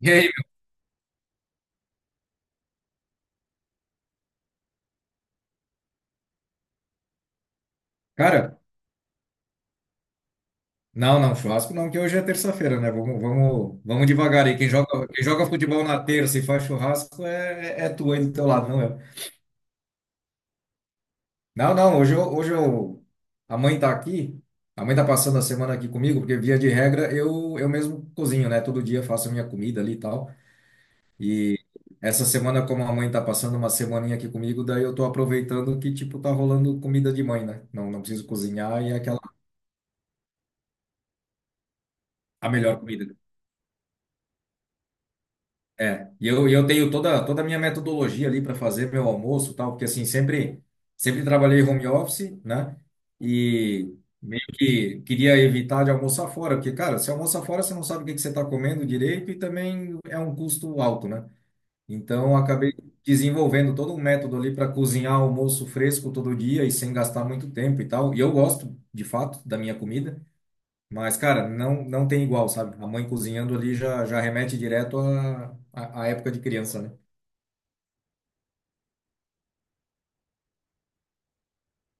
E aí, cara? Não, não, churrasco não, que hoje é terça-feira, né? Vamos, vamos, vamos devagar aí. Quem joga futebol na terça e faz churrasco é, é tu aí do teu lado, não eu. Não, não, hoje eu, a mãe tá aqui, a mãe tá passando a semana aqui comigo, porque via de regra eu mesmo cozinho, né? Todo dia eu faço a minha comida ali e tal. E essa semana, como a mãe tá passando uma semaninha aqui comigo, daí eu tô aproveitando que, tipo, tá rolando comida de mãe, né? Não, não preciso cozinhar e é aquela, a melhor comida. É, e eu tenho toda, toda a minha metodologia ali para fazer meu almoço e tal, porque assim, sempre trabalhei home office, né? E meio que queria evitar de almoçar fora, porque, cara, se almoça fora, você não sabe o que que você está comendo direito e também é um custo alto, né? Então, eu acabei desenvolvendo todo um método ali para cozinhar almoço fresco todo dia e sem gastar muito tempo e tal. E eu gosto, de fato, da minha comida. Mas, cara, não, não tem igual, sabe? A mãe cozinhando ali já, já remete direto à, à, à época de criança, né?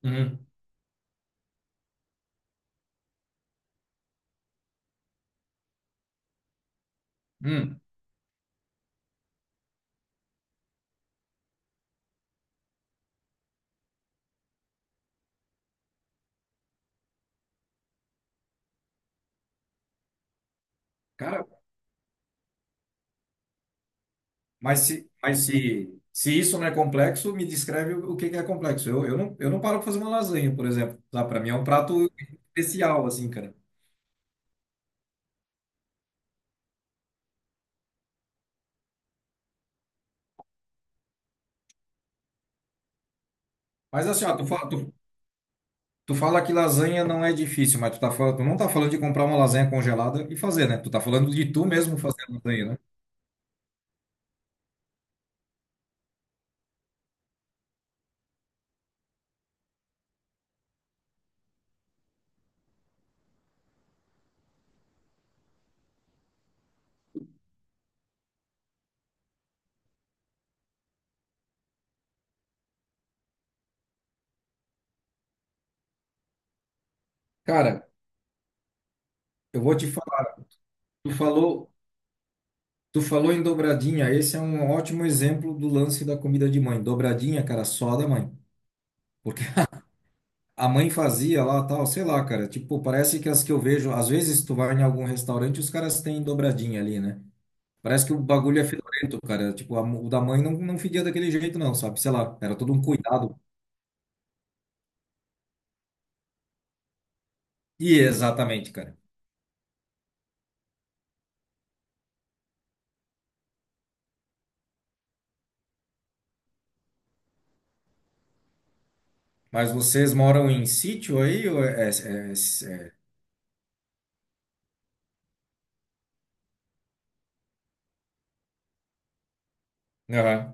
Uhum. Hum. Cara, mas se, se isso não é complexo, me descreve o que que é complexo. Eu não paro pra fazer uma lasanha, por exemplo. Tá? Para mim é um prato especial, assim, cara. Mas assim, ó, tu fala que lasanha não é difícil, mas tu, tá, tu não tá falando de comprar uma lasanha congelada e fazer, né? Tu tá falando de tu mesmo fazer a lasanha, né? Cara, eu vou te falar. Tu falou. Tu falou em dobradinha, esse é um ótimo exemplo do lance da comida de mãe. Dobradinha, cara, só da mãe. Porque a mãe fazia lá, tal, sei lá, cara. Tipo, parece que as que eu vejo, às vezes tu vai em algum restaurante, os caras têm dobradinha ali, né? Parece que o bagulho é fedorento, cara. Tipo, o da mãe não, não fedia daquele jeito, não, sabe? Sei lá, era todo um cuidado. E exatamente, cara. Mas vocês moram em sítio aí? Ou é- aham,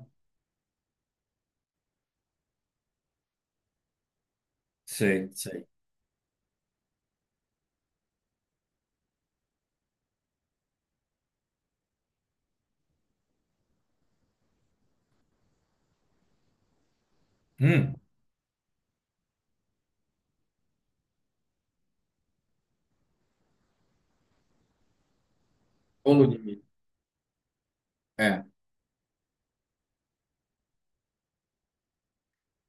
sei, sei. Hum, Bolo de milho. É.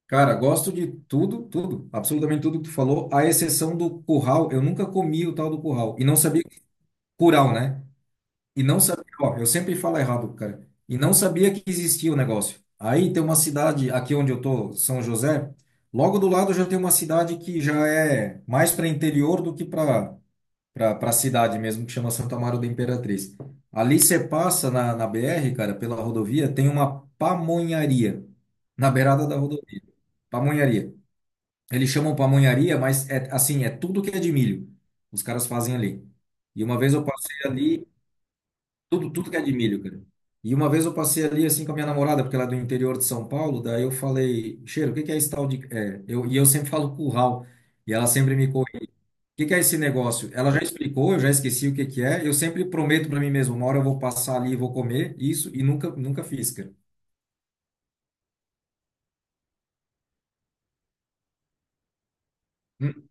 Cara, gosto de tudo, tudo, absolutamente tudo que tu falou, à exceção do curral. Eu nunca comi o tal do curral e não sabia curau, né? E não sabia, ó, eu sempre falo errado, cara. E não sabia que existia o negócio. Aí tem uma cidade aqui onde eu tô, São José, logo do lado já tem uma cidade que já é mais para interior do que para cidade mesmo, que chama Santa Amaro da Imperatriz. Ali você passa na BR, cara, pela rodovia, tem uma pamonharia na beirada da rodovia. Pamonharia. Eles chamam pamonharia, mas é assim, é tudo que é de milho. Os caras fazem ali. E uma vez eu passei ali, tudo, tudo que é de milho, cara. E uma vez eu passei ali assim com a minha namorada, porque ela é do interior de São Paulo, daí eu falei, cheiro, o que que é esse tal de. É, eu sempre falo curral. E ela sempre me corrige. O que que é esse negócio? Ela já explicou, eu já esqueci o que que é. Eu sempre prometo para mim mesmo, uma hora eu vou passar ali e vou comer isso, e nunca, nunca fiz, cara. Hum.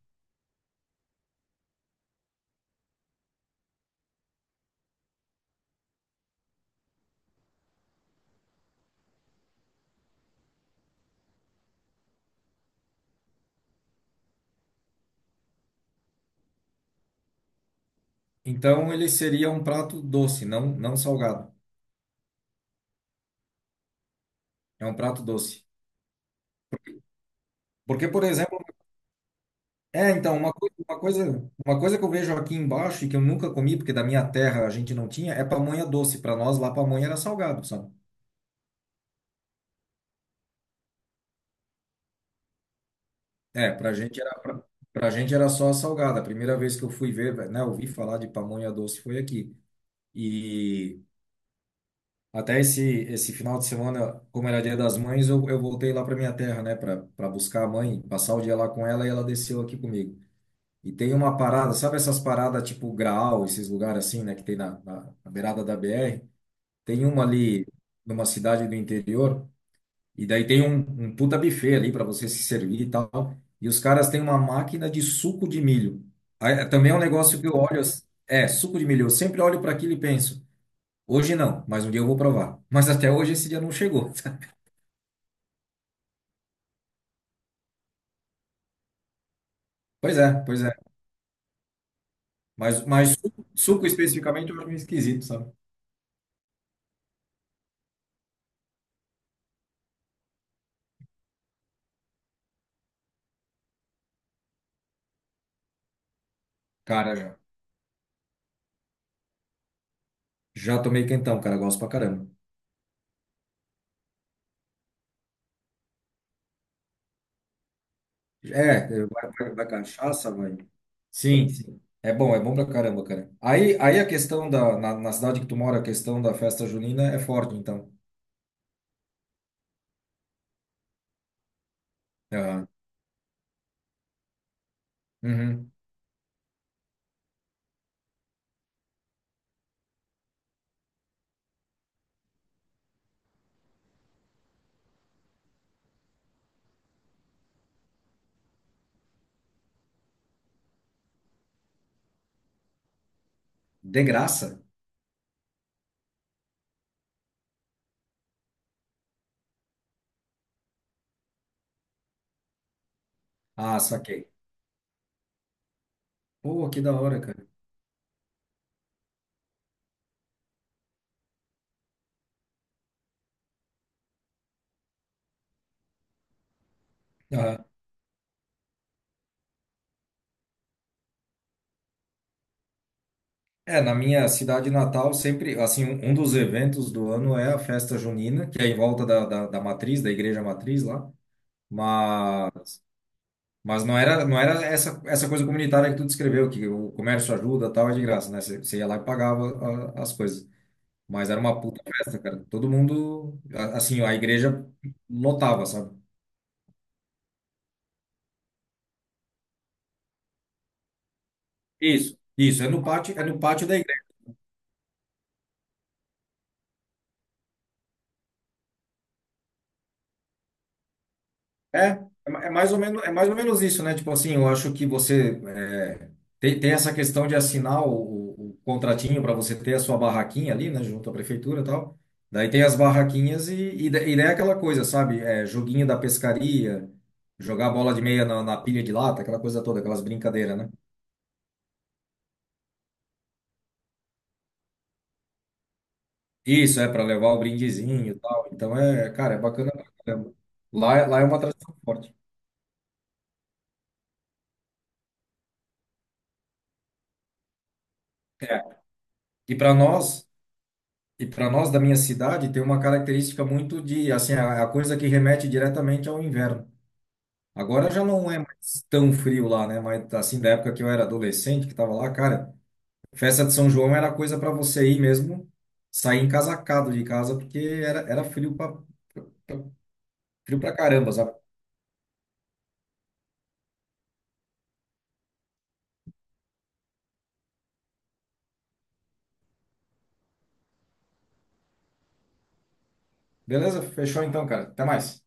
Então ele seria um prato doce, não, não salgado. É um prato doce. Porque, por exemplo, é, então, uma coisa que eu vejo aqui embaixo e que eu nunca comi, porque da minha terra a gente não tinha, é pamonha doce. Para nós lá, pamonha era salgado, sabe? É, pra gente era só salgada. A primeira vez que eu fui ver, né, ouvi falar de pamonha doce foi aqui. E até esse final de semana, como era Dia das Mães, eu voltei lá pra minha terra, né, pra, pra buscar a mãe, passar o dia lá com ela e ela desceu aqui comigo. E tem uma parada, sabe essas paradas tipo Graal, esses lugares assim, né, que tem na beirada da BR? Tem uma ali numa cidade do interior, e daí tem um, um puta buffet ali para você se servir e tal. E os caras têm uma máquina de suco de milho. Aí, é, também é um negócio que eu olho, assim- é, suco de milho. Eu sempre olho para aquilo e penso, hoje não, mas um dia eu vou provar. Mas até hoje esse dia não chegou. Pois é, pois é. Mas suco especificamente eu acho meio esquisito, sabe? Cara, já tomei quentão, cara, gosto pra caramba. É, vai, vai, vai cachaça, vai. Sim, sim. É bom pra caramba, cara. Aí, aí a questão da, na cidade que tu mora, a questão da festa junina é forte, então. Aham. Uhum. De graça? Ah, saquei. Pô, que da hora, cara. Aham. É, na minha cidade natal, sempre, assim, um dos eventos do ano é a festa junina, que é em volta da matriz, da igreja matriz lá. Mas Mas não era, não era essa, essa coisa comunitária que tu descreveu, que o comércio ajuda, tal, é de graça, né? Você ia lá e pagava as coisas. Mas era uma puta festa, cara. Todo mundo, assim, a igreja lotava, sabe? Isso. Isso, é no pátio da. É, é mais ou menos, é mais ou menos isso, né? Tipo assim, eu acho que você é, tem, tem essa questão de assinar o contratinho para você ter a sua barraquinha ali, né? Junto à prefeitura e tal. Daí tem as barraquinhas e, e daí é aquela coisa, sabe? É, joguinho da pescaria, jogar bola de meia na pilha de lata, aquela coisa toda, aquelas brincadeiras, né? Isso, é para levar o brindezinho e tal. Então é, cara, é bacana pra caramba. Lá é uma tradição forte. É. E para nós. E para nós da minha cidade tem uma característica muito de, assim, é a, é a coisa que remete diretamente ao inverno. Agora já não é mais tão frio lá, né? Mas assim, da época que eu era adolescente, que estava lá, cara, festa de São João era coisa para você ir mesmo, sair encasacado de casa, porque era, era frio para caramba, sabe? Beleza? Fechou então, cara. Até mais.